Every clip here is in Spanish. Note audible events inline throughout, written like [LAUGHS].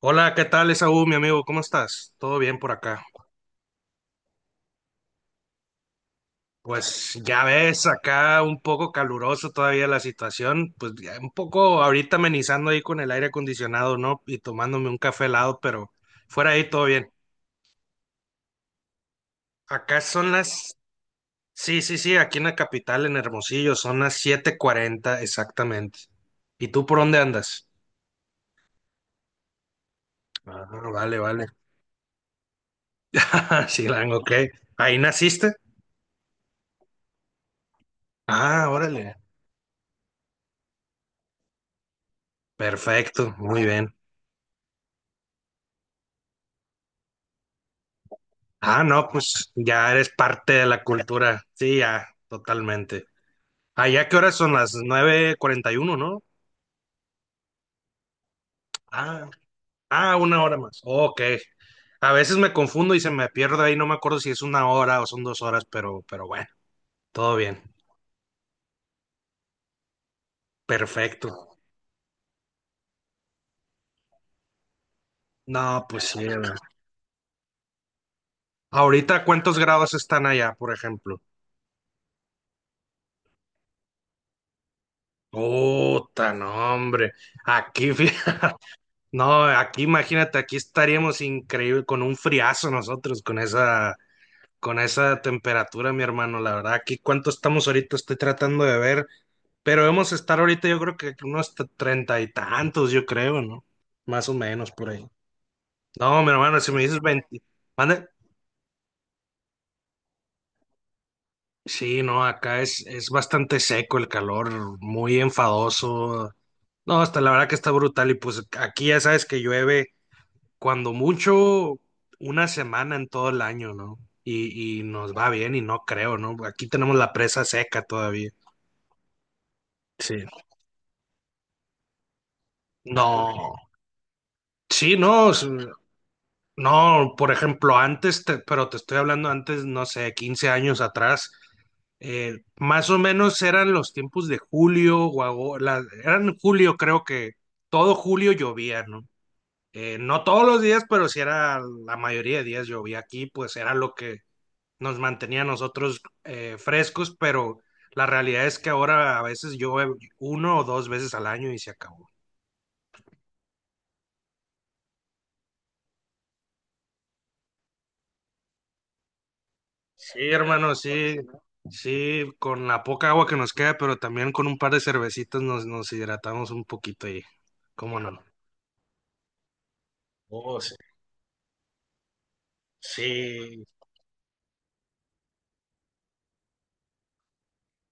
Hola, ¿qué tal, Esaú, mi amigo? ¿Cómo estás? ¿Todo bien por acá? Pues ya ves, acá un poco caluroso todavía la situación, pues ya un poco ahorita amenizando ahí con el aire acondicionado, ¿no? Y tomándome un café helado, pero fuera ahí todo bien. Acá son las. Sí, sí, sí, aquí en la capital, en Hermosillo, son las 7:40 exactamente. ¿Y tú por dónde andas? Ah, vale, vale. [LAUGHS] Sí, ok. ¿Ahí naciste? Ah, órale. Perfecto, muy bien. Ah, no, pues ya eres parte de la cultura. Sí, ya, totalmente. Allá, ¿qué horas son? Las 9:41, ¿no? Ah, ah, 1 hora más. Ok. A veces me confundo y se me pierdo ahí, no me acuerdo si es 1 hora o son 2 horas, pero bueno, todo bien. Perfecto. No, pues sí. A ver. Ahorita, ¿cuántos grados están allá, por ejemplo? Puta, no, hombre. Aquí, [LAUGHS] fíjate. No, aquí imagínate, aquí estaríamos increíble con un friazo nosotros, con esa temperatura, mi hermano, la verdad, aquí cuánto estamos ahorita, estoy tratando de ver, pero debemos estar ahorita, yo creo que unos treinta y tantos, yo creo, ¿no? Más o menos por ahí. No, mi hermano, si me dices 20, mande. Sí, no, acá es bastante seco el calor, muy enfadoso. No, hasta la verdad que está brutal y pues aquí ya sabes que llueve cuando mucho 1 semana en todo el año, ¿no? Y nos va bien y no creo, ¿no? Aquí tenemos la presa seca todavía. Sí. No, sí, no, no, por ejemplo, antes, pero te estoy hablando antes, no sé, 15 años atrás, más o menos eran los tiempos de julio, o eran julio, creo que todo julio llovía, ¿no? No todos los días, pero sí era la mayoría de días llovía aquí, pues era lo que nos mantenía a nosotros frescos, pero la realidad es que ahora a veces llueve 1 o 2 veces al año y se acabó. Sí, hermano, sí, sí, con la poca agua que nos queda, pero también con un par de cervecitas nos hidratamos un poquito y, ¿cómo no? Oh, sí. Sí,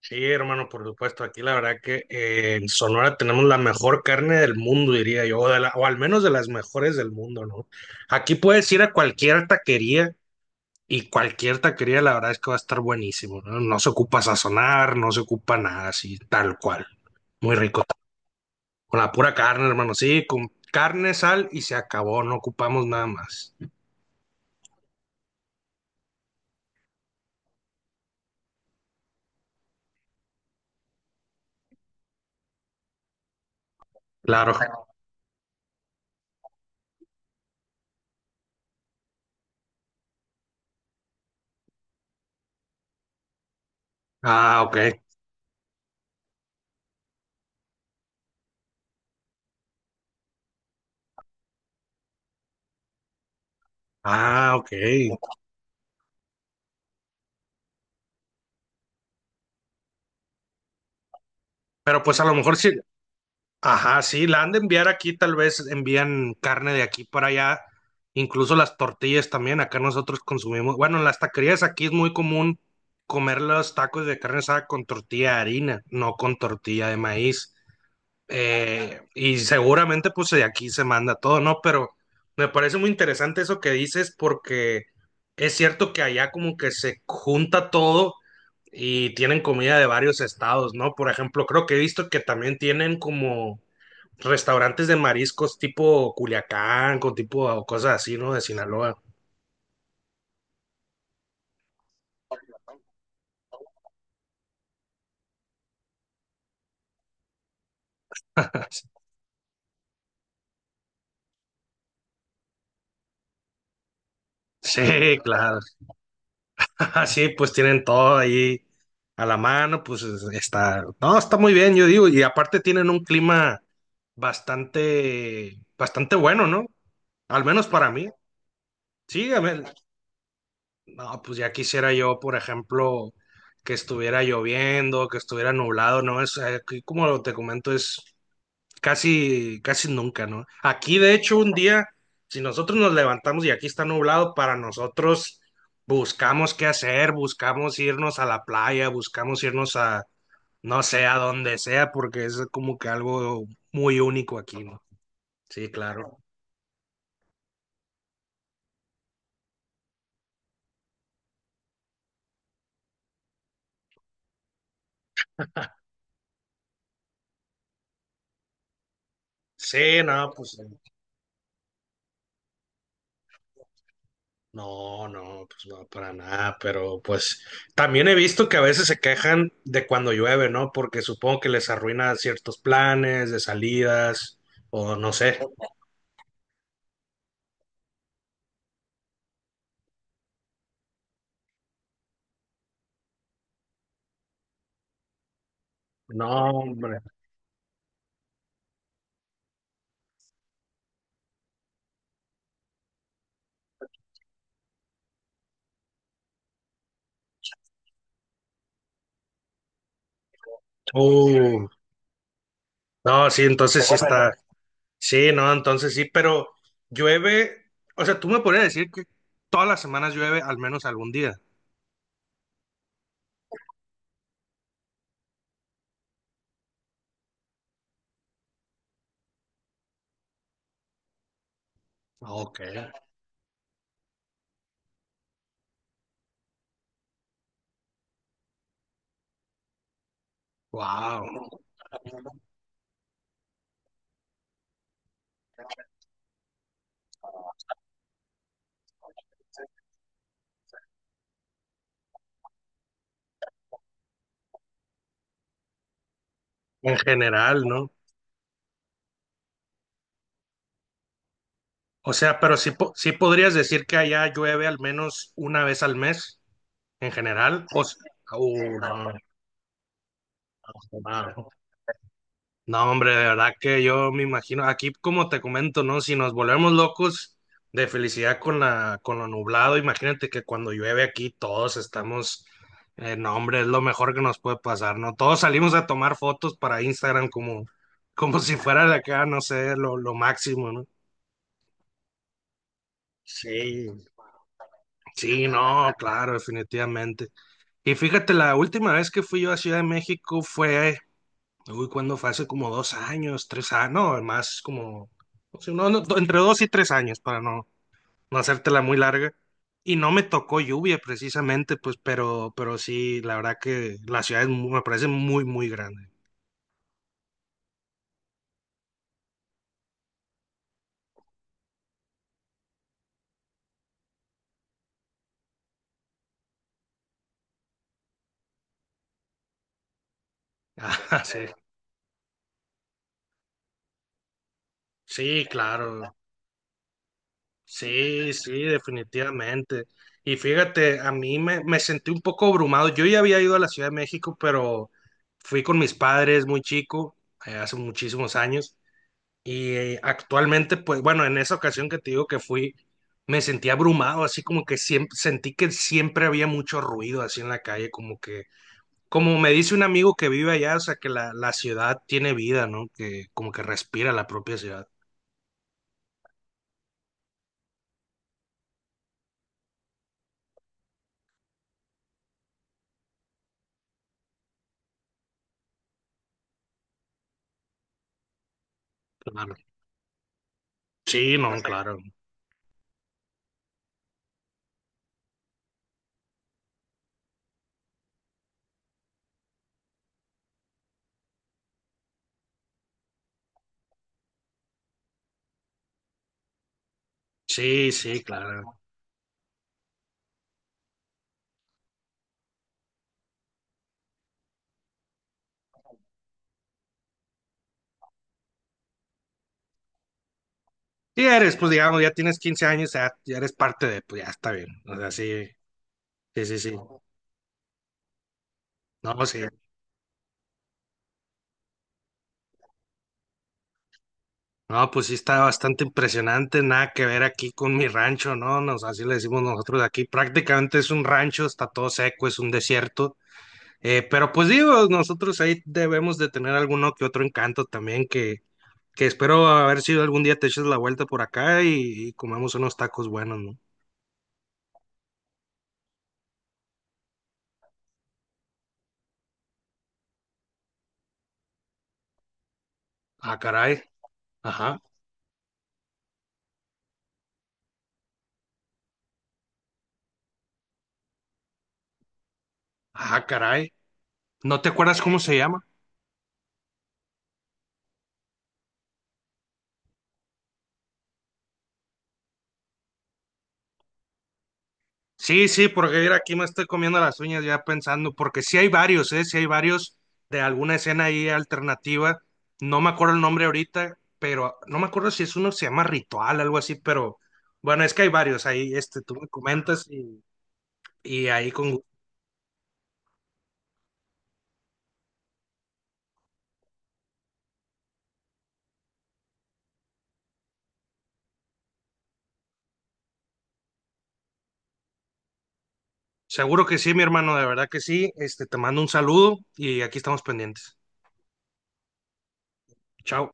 sí, hermano, por supuesto. Aquí la verdad que en Sonora tenemos la mejor carne del mundo, diría yo, o al menos de las mejores del mundo, ¿no? Aquí puedes ir a cualquier taquería y cualquier taquería, la verdad es que va a estar buenísimo, ¿no? No se ocupa sazonar, no se ocupa nada así, tal cual. Muy rico. Con la pura carne, hermano. Sí, con carne, sal y se acabó. No ocupamos nada más. Claro. Ah, ok. Ah, ok. Pero pues a lo mejor sí. Ajá, sí, la han de enviar aquí. Tal vez envían carne de aquí para allá. Incluso las tortillas también. Acá nosotros consumimos. Bueno, en las taquerías aquí es muy común comer los tacos de carne asada con tortilla de harina, no con tortilla de maíz. Y seguramente pues de aquí se manda todo, ¿no? Pero me parece muy interesante eso que dices porque es cierto que allá como que se junta todo y tienen comida de varios estados, ¿no? Por ejemplo, creo que he visto que también tienen como restaurantes de mariscos tipo Culiacán, con tipo o cosas así, ¿no? De Sinaloa. Sí, claro. [LAUGHS] Sí, pues tienen todo ahí a la mano, pues está, no, está muy bien, yo digo, y aparte tienen un clima bastante, bastante bueno, ¿no? Al menos para mí. Sí, a ver, no, pues ya quisiera yo, por ejemplo, que estuviera lloviendo, que estuviera nublado, ¿no? Aquí, como te comento, es casi, casi nunca, ¿no? Aquí, de hecho, un día, si nosotros nos levantamos y aquí está nublado, para nosotros buscamos qué hacer, buscamos irnos a la playa, buscamos irnos a, no sé, a donde sea, porque es como que algo muy único aquí, ¿no? Sí, claro. Sí, no, pues no, no, pues no, para nada, pero pues también he visto que a veces se quejan de cuando llueve, ¿no? Porque supongo que les arruina ciertos planes de salidas o no sé. No, hombre. Uh, no, sí, entonces sí está. Sí, no, entonces sí, pero llueve, o sea, tú me podrías decir que todas las semanas llueve al menos algún día. Ok, wow. En general, ¿no? O sea, pero sí, sí podrías decir que allá llueve al menos 1 vez al mes en general. No, no, no, hombre, de verdad que yo me imagino, aquí como te comento, ¿no? Si nos volvemos locos de felicidad con la, con lo nublado, imagínate que cuando llueve aquí todos estamos, no, hombre, es lo mejor que nos puede pasar, ¿no? Todos salimos a tomar fotos para Instagram como si fuera de acá, no sé, lo máximo, ¿no? Sí, sí, no, claro, definitivamente. Y fíjate, la última vez que fui yo a Ciudad de México fue, uy, cuando fue hace como 2 años, 3 años, no, más como, no sé, no, no, entre 2 y 3 años para no hacértela muy larga. Y no me tocó lluvia precisamente, pues, pero sí, la verdad que la ciudad es me parece muy, muy grande. [LAUGHS] Ah, sí, sí, claro. Sí, sí, definitivamente. Y fíjate, a mí me sentí un poco abrumado. Yo ya había ido a la Ciudad de México, pero fui con mis padres muy chico, hace muchísimos años. Y actualmente, pues bueno, en esa ocasión que te digo que fui, me sentí abrumado, así como que siempre, sentí que siempre había mucho ruido así en la calle, como que, como me dice un amigo que vive allá, o sea, que la ciudad tiene vida, ¿no? Que como que respira la propia ciudad. Claro. Sí, no, claro. Sí, sí, claro. Sí, eres, pues digamos, ya tienes 15 años, ya eres parte de, pues ya está bien. O sea, sí, sí, sí, sí. No, sí. No, pues sí está bastante impresionante, nada que ver aquí con mi rancho, ¿no? Así le decimos nosotros aquí. Prácticamente es un rancho, está todo seco, es un desierto. Pero pues digo, nosotros ahí debemos de tener alguno que otro encanto también, que espero haber sido algún día te eches la vuelta por acá y comemos unos tacos buenos, ¿no? Ah, caray. Ajá. Ah, caray. ¿No te acuerdas cómo se llama? Sí, sí, porque mira, aquí me estoy comiendo las uñas ya pensando, porque sí hay varios, ¿eh? Sí hay varios de alguna escena ahí alternativa. No me acuerdo el nombre ahorita, pero no me acuerdo si es uno que se llama Ritual, algo así, pero bueno, es que hay varios ahí, este, tú me comentas y ahí con. Seguro que sí, mi hermano, de verdad que sí. Este, te mando un saludo y aquí estamos pendientes. Chao.